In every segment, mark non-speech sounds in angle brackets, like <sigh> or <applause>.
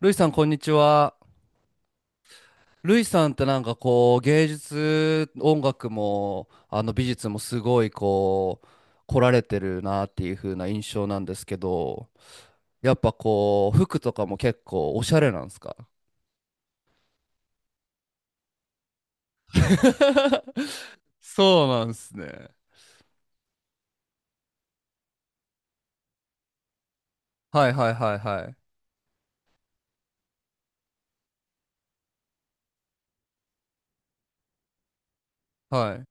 ルイさん、こんにちは。ルイさんってなんかこう、芸術、音楽も、あの美術もすごいこう、来られてるなっていう風な印象なんですけど、やっぱこう、服とかも結構おしゃれなんですか？ <laughs> そうなんですね。はいはいはいはい。はい。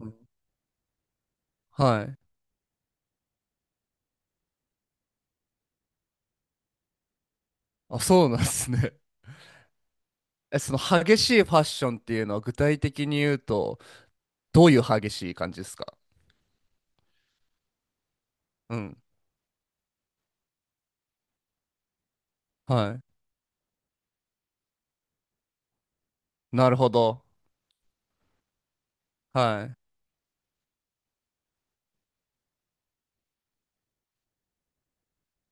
うんはい。あ、そうなんですね。<laughs> え、その激しいファッションっていうのは具体的に言うと、どういう激しい感じですか？うん。はい。なるほど。はい。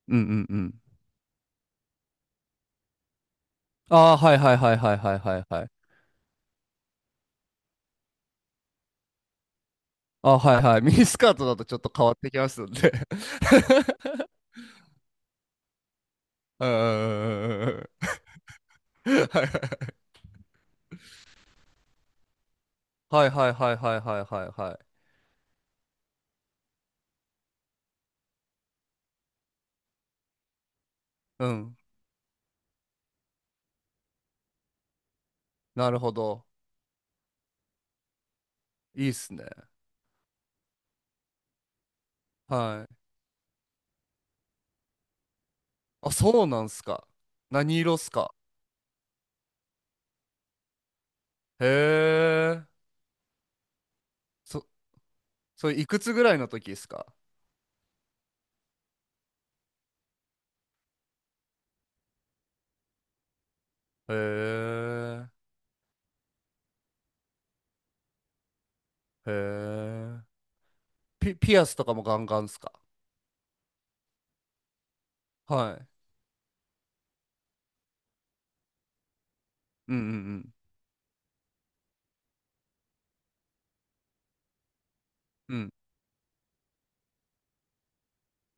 うんうんうん。ああ、はいはいはいはいはいはいはい。ああ、はいはい。ミニスカートだとちょっと変わってきますんで。<laughs> うんうんうんうんうんうん。はいはいはいはいはいはいはいはい。うん。なるほど。いいっすね。はい。あ、そうなんすか？何色っすか？へえ。そ、それいくつぐらいの時っすか？へえ。へえ。ピアスとかもガンガンっすか？はい。うんうんうん。うん。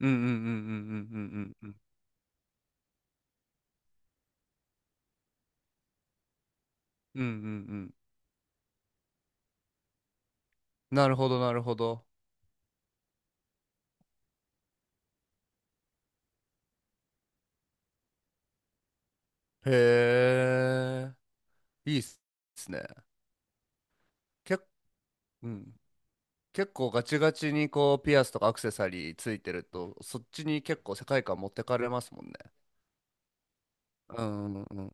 うんうんうんうんうんうんうんうん。うんうんうん。なるほど、なるほど。へえ、いいっすね。け、うん。結構ガチガチにこうピアスとかアクセサリーついてると、そっちに結構世界観持ってかれますもんね。うんうんうん。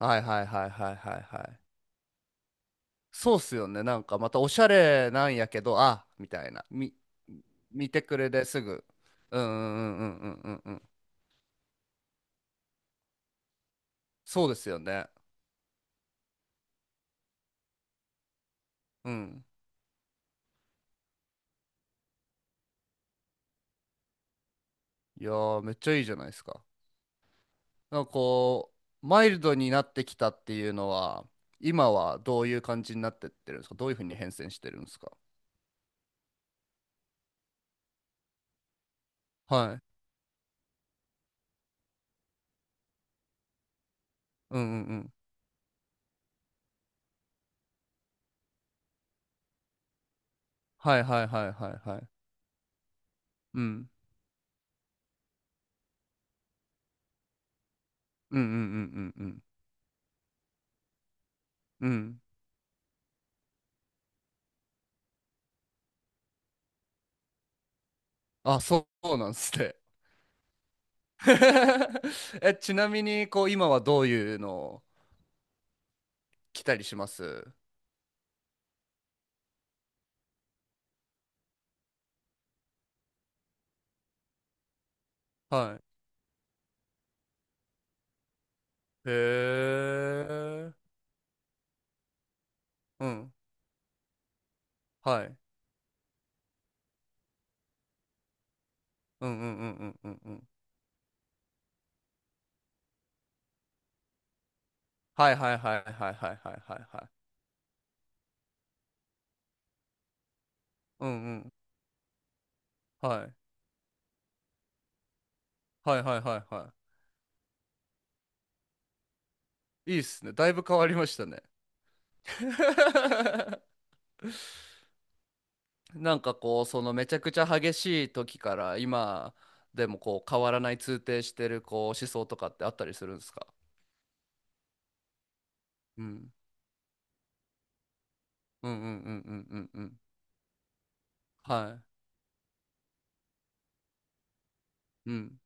はいはいはいはいはいはい。そうっすよね。なんかまたおしゃれなんやけど、あ、みたいな。見てくれですぐ。うんうんうんうんうんうんうん。そうですよね。うん。いやー、めっちゃいいじゃないですか。なんかこう、マイルドになってきたっていうのは、今はどういう感じになってってるんですか？どういうふうに変遷してるんですか？はい。うんうんうん。はいはいはいはいはい。うん。うんうんうんうんうん。うん。あ、そうなんすね。<laughs> え、ちなみに、こう、今はどういうのを着たりします？はい。へえ。うん。はい。うんうんうんうんうんうん。はいはいはいはいはいはいはいはい。うんうん。はい。はいはいはいはい。いいっすね。だいぶ変わりましたね。<laughs> なんかこう、そのめちゃくちゃ激しい時から今でもこう変わらない通底してるこう思想とかってあったりするんですか？うん。うんうんうんうんうんうん。はい。うん。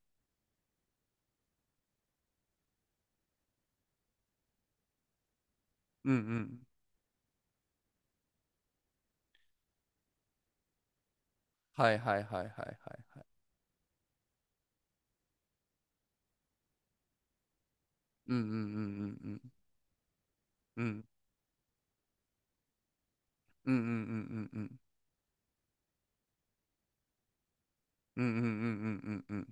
うんうん。はいはいはいはいはい。うんうんうんうんうんうんうんうんうんうんうんうんうんうんうんうんうん。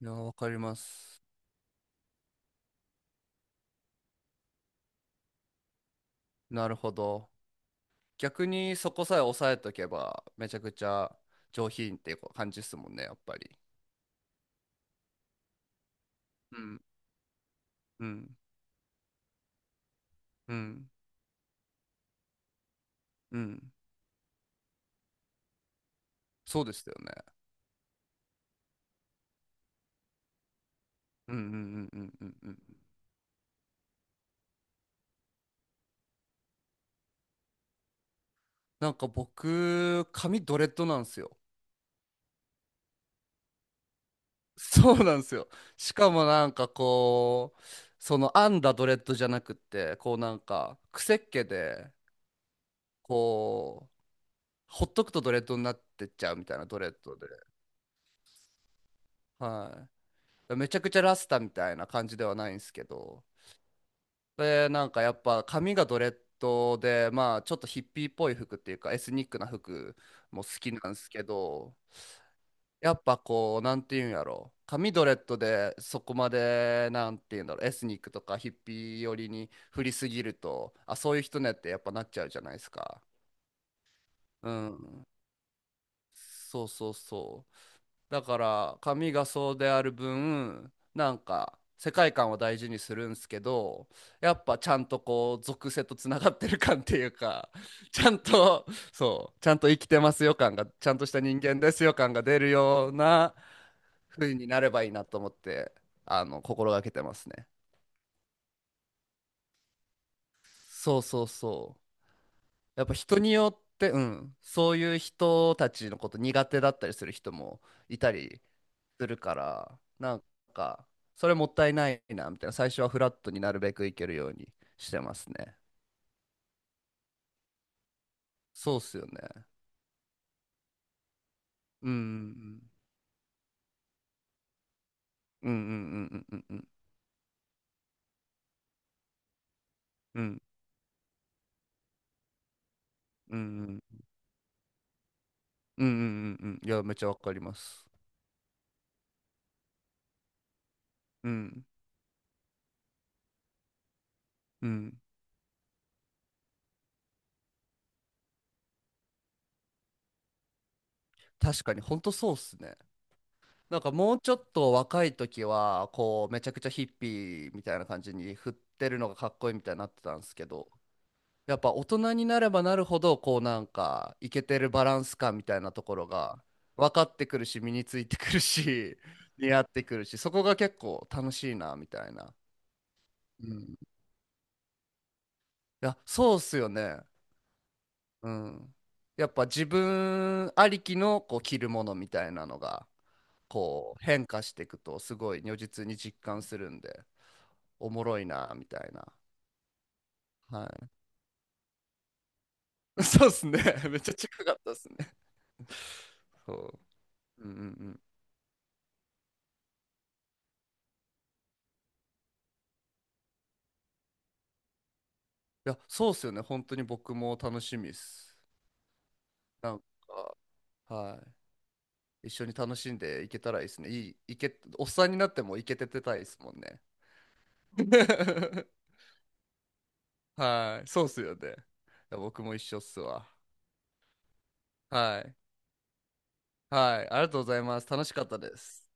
いや、わかります。なるほど。逆にそこさえ抑えとけばめちゃくちゃ上品っていう感じですもんね、やっぱり。うんうんうんうん。そうですよね。うんうんうんうんうんうん。なんか僕髪ドレッドなんですよ。 <laughs> そうなんですよ。しかもなんかこう、その編んだドレッドじゃなくって、こうなんか癖っ気でこうほっとくとドレッドになってっちゃうみたいなドレッドで、はい、めちゃくちゃラスタみたいな感じではないんですけど、で、なんかやっぱ髪がドレッドで、まあちょっとヒッピーっぽい服っていうかエスニックな服も好きなんですけど、やっぱこう、なんていうんやろ、髪ドレッドでそこまで、なんていうんだろう、エスニックとかヒッピー寄りに振りすぎると、あ、そういう人ねってやっぱなっちゃうじゃないですか。うん。そうそうそう。だから髪がそうである分なんか世界観を大事にするんすけど、やっぱちゃんとこう属性とつながってる感っていうか、 <laughs> ちゃんと、そう、ちゃんと生きてますよ感が、ちゃんとした人間ですよ感が出るような風になればいいなと思って、心がけてますね。そうそうそう。やっぱ人によって、うん、そういう人たちのこと苦手だったりする人もいたりするから、なんかそれもったいないなみたいな、最初はフラットになるべくいけるようにしてますね。そうっすよね。うんうんうんうんうんうんうんうんうんうんうんうんうん、いや、めっちゃわかります。うんうん。確かにほんとそうっすね。なんかもうちょっと若い時はこうめちゃくちゃヒッピーみたいな感じに振ってるのがかっこいいみたいになってたんですけど、やっぱ大人になればなるほどこうなんかイケてるバランス感みたいなところが分かってくるし、身についてくるし、 <laughs> 似合ってくるし、そこが結構楽しいなみたいな。うん。いや、そうっすよね。うん。やっぱ自分ありきのこう着るものみたいなのがこう変化していくとすごい如実に実感するんで、おもろいなみたいな。はい。<laughs> そうっすね。めっちゃ近かったっすね。そう。うんうんうん。いや、そうっすよね。本当に僕も楽しみです。なんか、はい。一緒に楽しんでいけたらいいですね。いい、いけ、おっさんになってもいけててたいですもんね。<laughs> はい。そうっすよね。いや、僕も一緒っすわ。はい。はい。ありがとうございます。楽しかったです。